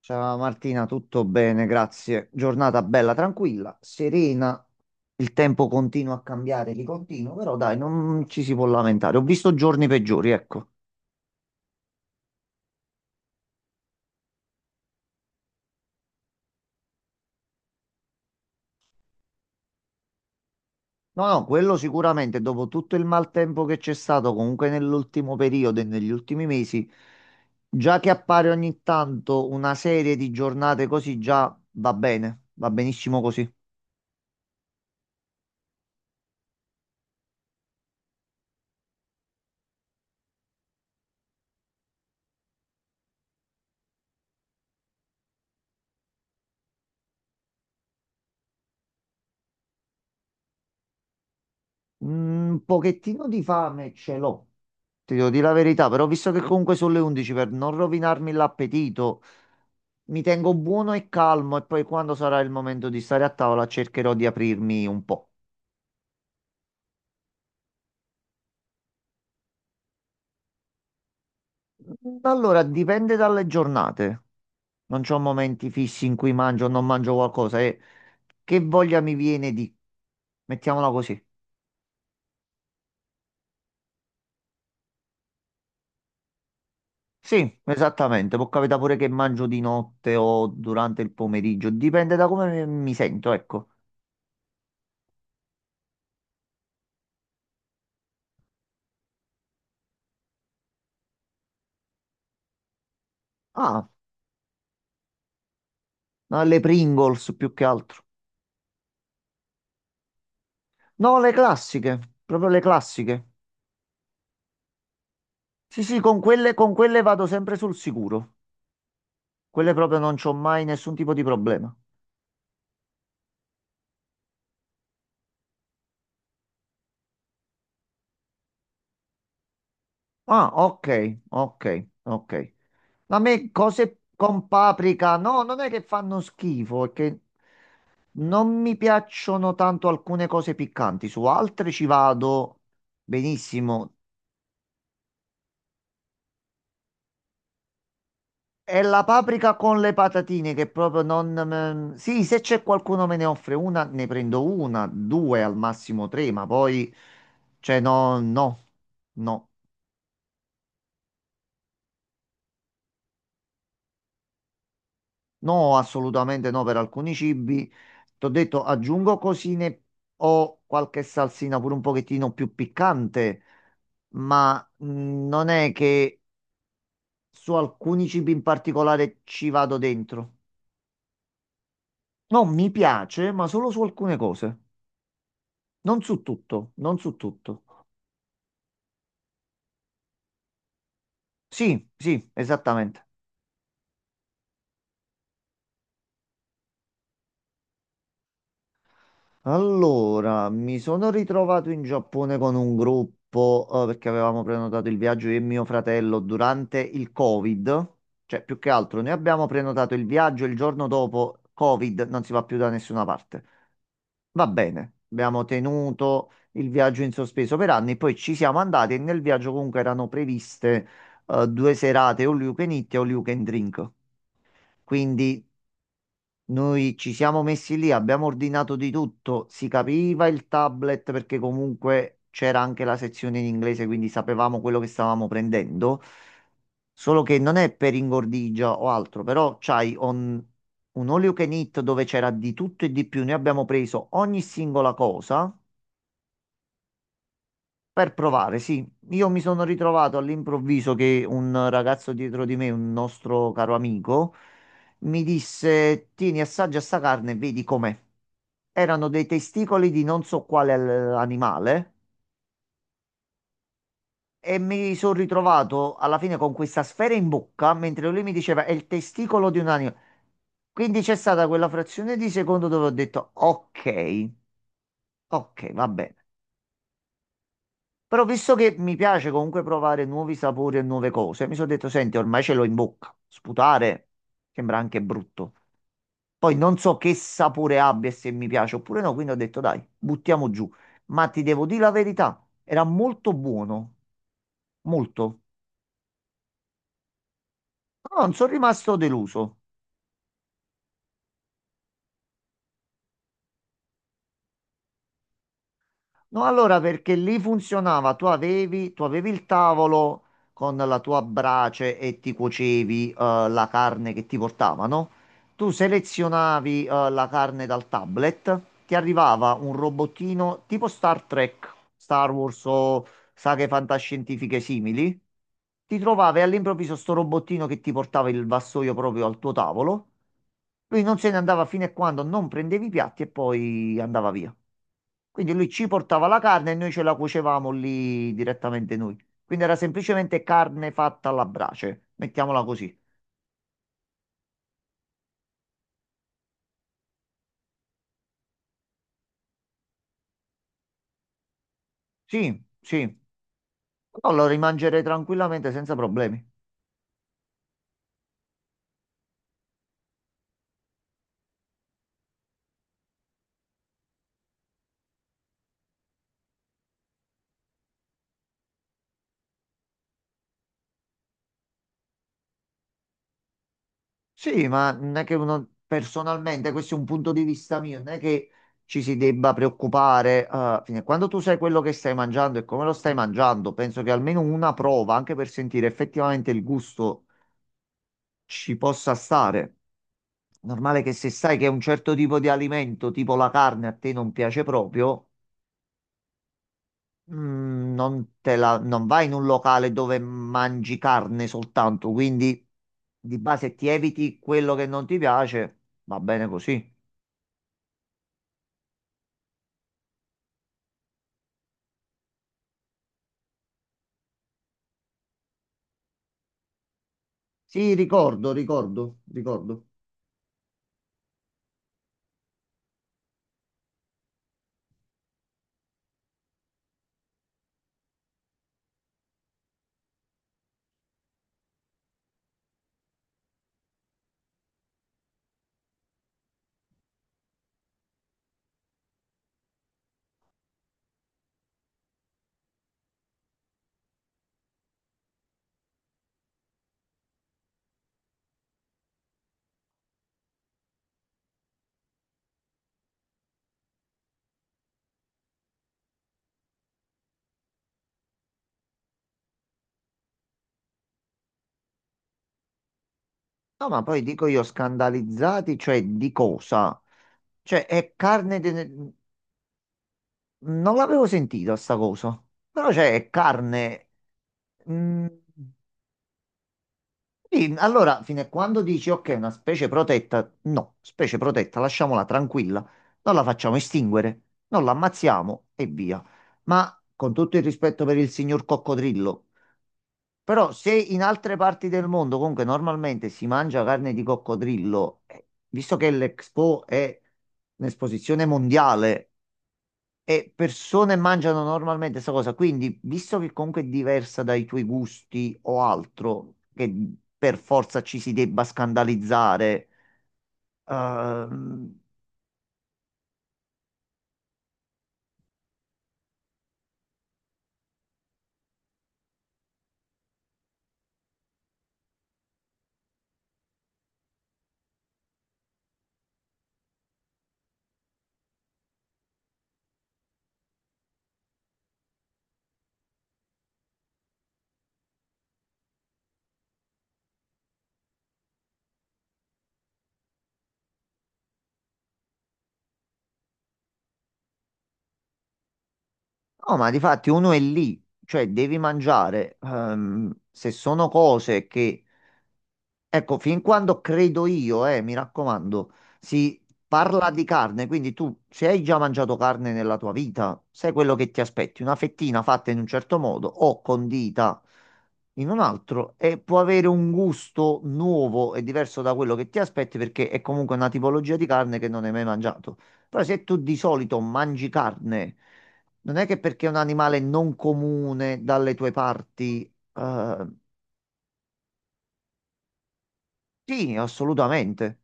Ciao Martina, tutto bene, grazie. Giornata bella, tranquilla, serena. Il tempo continua a cambiare di continuo, però dai, non ci si può lamentare. Ho visto giorni peggiori, ecco. No, no, quello sicuramente, dopo tutto il maltempo che c'è stato comunque nell'ultimo periodo e negli ultimi mesi, già che appare ogni tanto una serie di giornate così, già va bene, va benissimo così. Un pochettino di fame ce l'ho. Ti devo dire la verità, però visto che comunque sono le 11 per non rovinarmi l'appetito, mi tengo buono e calmo e poi quando sarà il momento di stare a tavola cercherò di aprirmi un po'. Allora, dipende dalle giornate. Non c'ho momenti fissi in cui mangio o non mangio qualcosa e che voglia mi viene di... Mettiamola così. Sì, esattamente, può capitare pure che mangio di notte o durante il pomeriggio, dipende da come mi sento, ecco. Ah, alle Pringles più che altro. No, le classiche, proprio le classiche. Sì, sì, con quelle vado sempre sul sicuro. Quelle proprio non c'ho mai nessun tipo di problema. Ah, ok, ok, ok. A me cose con paprika, no, non è che fanno schifo, è che non mi piacciono tanto alcune cose piccanti, su altre ci vado benissimo. È la paprika con le patatine che proprio non me- Sì, se c'è qualcuno me ne offre una, ne prendo una, due al massimo tre, ma poi... Cioè, no, no, no, no, assolutamente no per alcuni cibi. Ti ho detto, aggiungo cosine o qualche salsina pure un pochettino più piccante, ma non è che su alcuni cibi in particolare ci vado dentro. No, mi piace, ma solo su alcune cose, non su tutto, non su tutto. Sì, sì, esattamente. Allora, mi sono ritrovato in Giappone con un gruppo, perché avevamo prenotato il viaggio io e mio fratello durante il Covid. Cioè, più che altro, noi abbiamo prenotato il viaggio e il giorno dopo Covid, non si va più da nessuna parte. Va bene, abbiamo tenuto il viaggio in sospeso per anni, poi ci siamo andati e nel viaggio comunque erano previste 2 serate all you can eat e all you can drink. Quindi noi ci siamo messi lì, abbiamo ordinato di tutto, si capiva il tablet perché comunque c'era anche la sezione in inglese, quindi sapevamo quello che stavamo prendendo. Solo che non è per ingordigia o altro, però c'hai un all you can eat dove c'era di tutto e di più. Noi abbiamo preso ogni singola cosa per provare, sì. Io mi sono ritrovato all'improvviso che un ragazzo dietro di me, un nostro caro amico, mi disse: Tieni, assaggia sta carne e vedi com'è. Erano dei testicoli di non so quale animale, e mi sono ritrovato alla fine con questa sfera in bocca mentre lui mi diceva è il testicolo di un animale. Quindi c'è stata quella frazione di secondo dove ho detto ok, ok, va bene. Però visto che mi piace comunque provare nuovi sapori e nuove cose, mi sono detto, senti, ormai ce l'ho in bocca. Sputare sembra anche brutto. Poi non so che sapore abbia e se mi piace oppure no, quindi ho detto dai, buttiamo giù. Ma ti devo dire la verità, era molto buono, molto. Però non sono rimasto deluso. No, allora perché lì funzionava, tu avevi il tavolo con la tua brace e ti cuocevi la carne che ti portavano, tu selezionavi la carne dal tablet, ti arrivava un robottino tipo Star Trek, Star Wars o saghe fantascientifiche simili, ti trovavi all'improvviso sto robottino che ti portava il vassoio proprio al tuo tavolo, lui non se ne andava fino a quando non prendevi i piatti e poi andava via. Quindi lui ci portava la carne e noi ce la cuocevamo lì direttamente noi. Quindi era semplicemente carne fatta alla brace, mettiamola così. Sì, sì, però lo rimangerei tranquillamente senza problemi. Sì, ma non è che uno personalmente, questo è un punto di vista mio, non è che ci si debba preoccupare. Quando tu sai quello che stai mangiando e come lo stai mangiando, penso che almeno una prova, anche per sentire effettivamente il gusto, ci possa stare. Normale che se sai che un certo tipo di alimento, tipo la carne, a te non piace proprio, non te la- non vai in un locale dove mangi carne soltanto. Quindi di base ti eviti quello che non ti piace, va bene così. Sì, ricordo, ricordo, ricordo. No, ma poi dico io scandalizzati, cioè di cosa? Cioè è carne. Non l'avevo sentita sta cosa. Però c'è carne. Mm, sì, allora, fino a quando dici ok, una specie protetta, no, specie protetta, lasciamola tranquilla, non la facciamo estinguere, non la ammazziamo e via. Ma con tutto il rispetto per il signor coccodrillo, però se in altre parti del mondo comunque normalmente si mangia carne di coccodrillo, visto che l'Expo è un'esposizione mondiale e persone mangiano normalmente questa cosa. Quindi, visto che comunque è diversa dai tuoi gusti o altro, che per forza ci si debba scandalizzare? ehm, no, ma di fatti uno è lì, cioè devi mangiare. Se sono cose che ecco, fin quando credo io, mi raccomando, si parla di carne, quindi tu se hai già mangiato carne nella tua vita, sai quello che ti aspetti, una fettina fatta in un certo modo o condita in un altro, e può avere un gusto nuovo e diverso da quello che ti aspetti perché è comunque una tipologia di carne che non hai mai mangiato. Però se tu di solito mangi carne, non è che perché è un animale non comune dalle tue parti sì, assolutamente.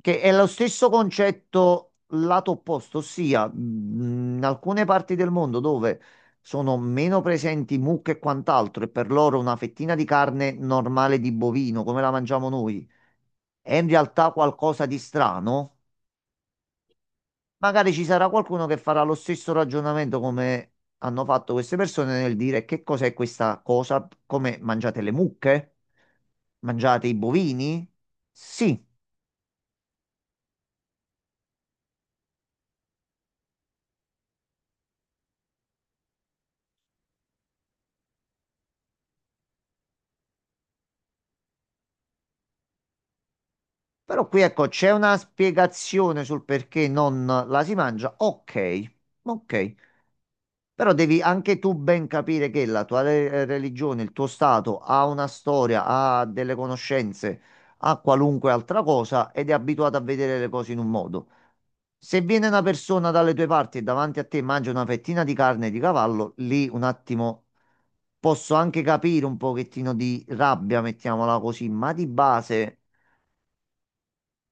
Che è lo stesso concetto lato opposto, ossia in alcune parti del mondo dove sono meno presenti mucche e quant'altro, e per loro una fettina di carne normale di bovino, come la mangiamo noi, è in realtà qualcosa di strano. Magari ci sarà qualcuno che farà lo stesso ragionamento come hanno fatto queste persone nel dire che cos'è questa cosa, come mangiate le mucche? Mangiate i bovini? Sì. Però qui ecco, c'è una spiegazione sul perché non la si mangia. Ok, ok. Però devi anche tu ben capire che la tua religione, il tuo stato ha una storia, ha delle conoscenze, ha qualunque altra cosa ed è abituato a vedere le cose in un modo. Se viene una persona dalle tue parti e davanti a te mangia una fettina di carne di cavallo, lì un attimo posso anche capire un pochettino di rabbia, mettiamola così, ma di base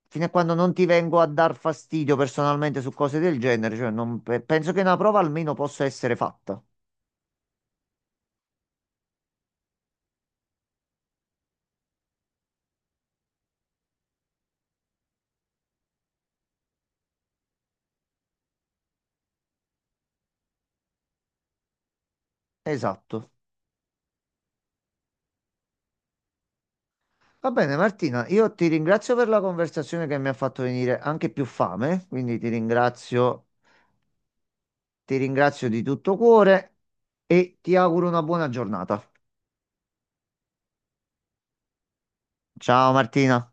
fino a quando non ti vengo a dar fastidio personalmente su cose del genere, cioè non penso che una prova almeno possa essere fatta. Esatto. Va bene, Martina, io ti ringrazio per la conversazione che mi ha fatto venire anche più fame, quindi ti ringrazio di tutto cuore e ti auguro una buona giornata. Ciao Martina.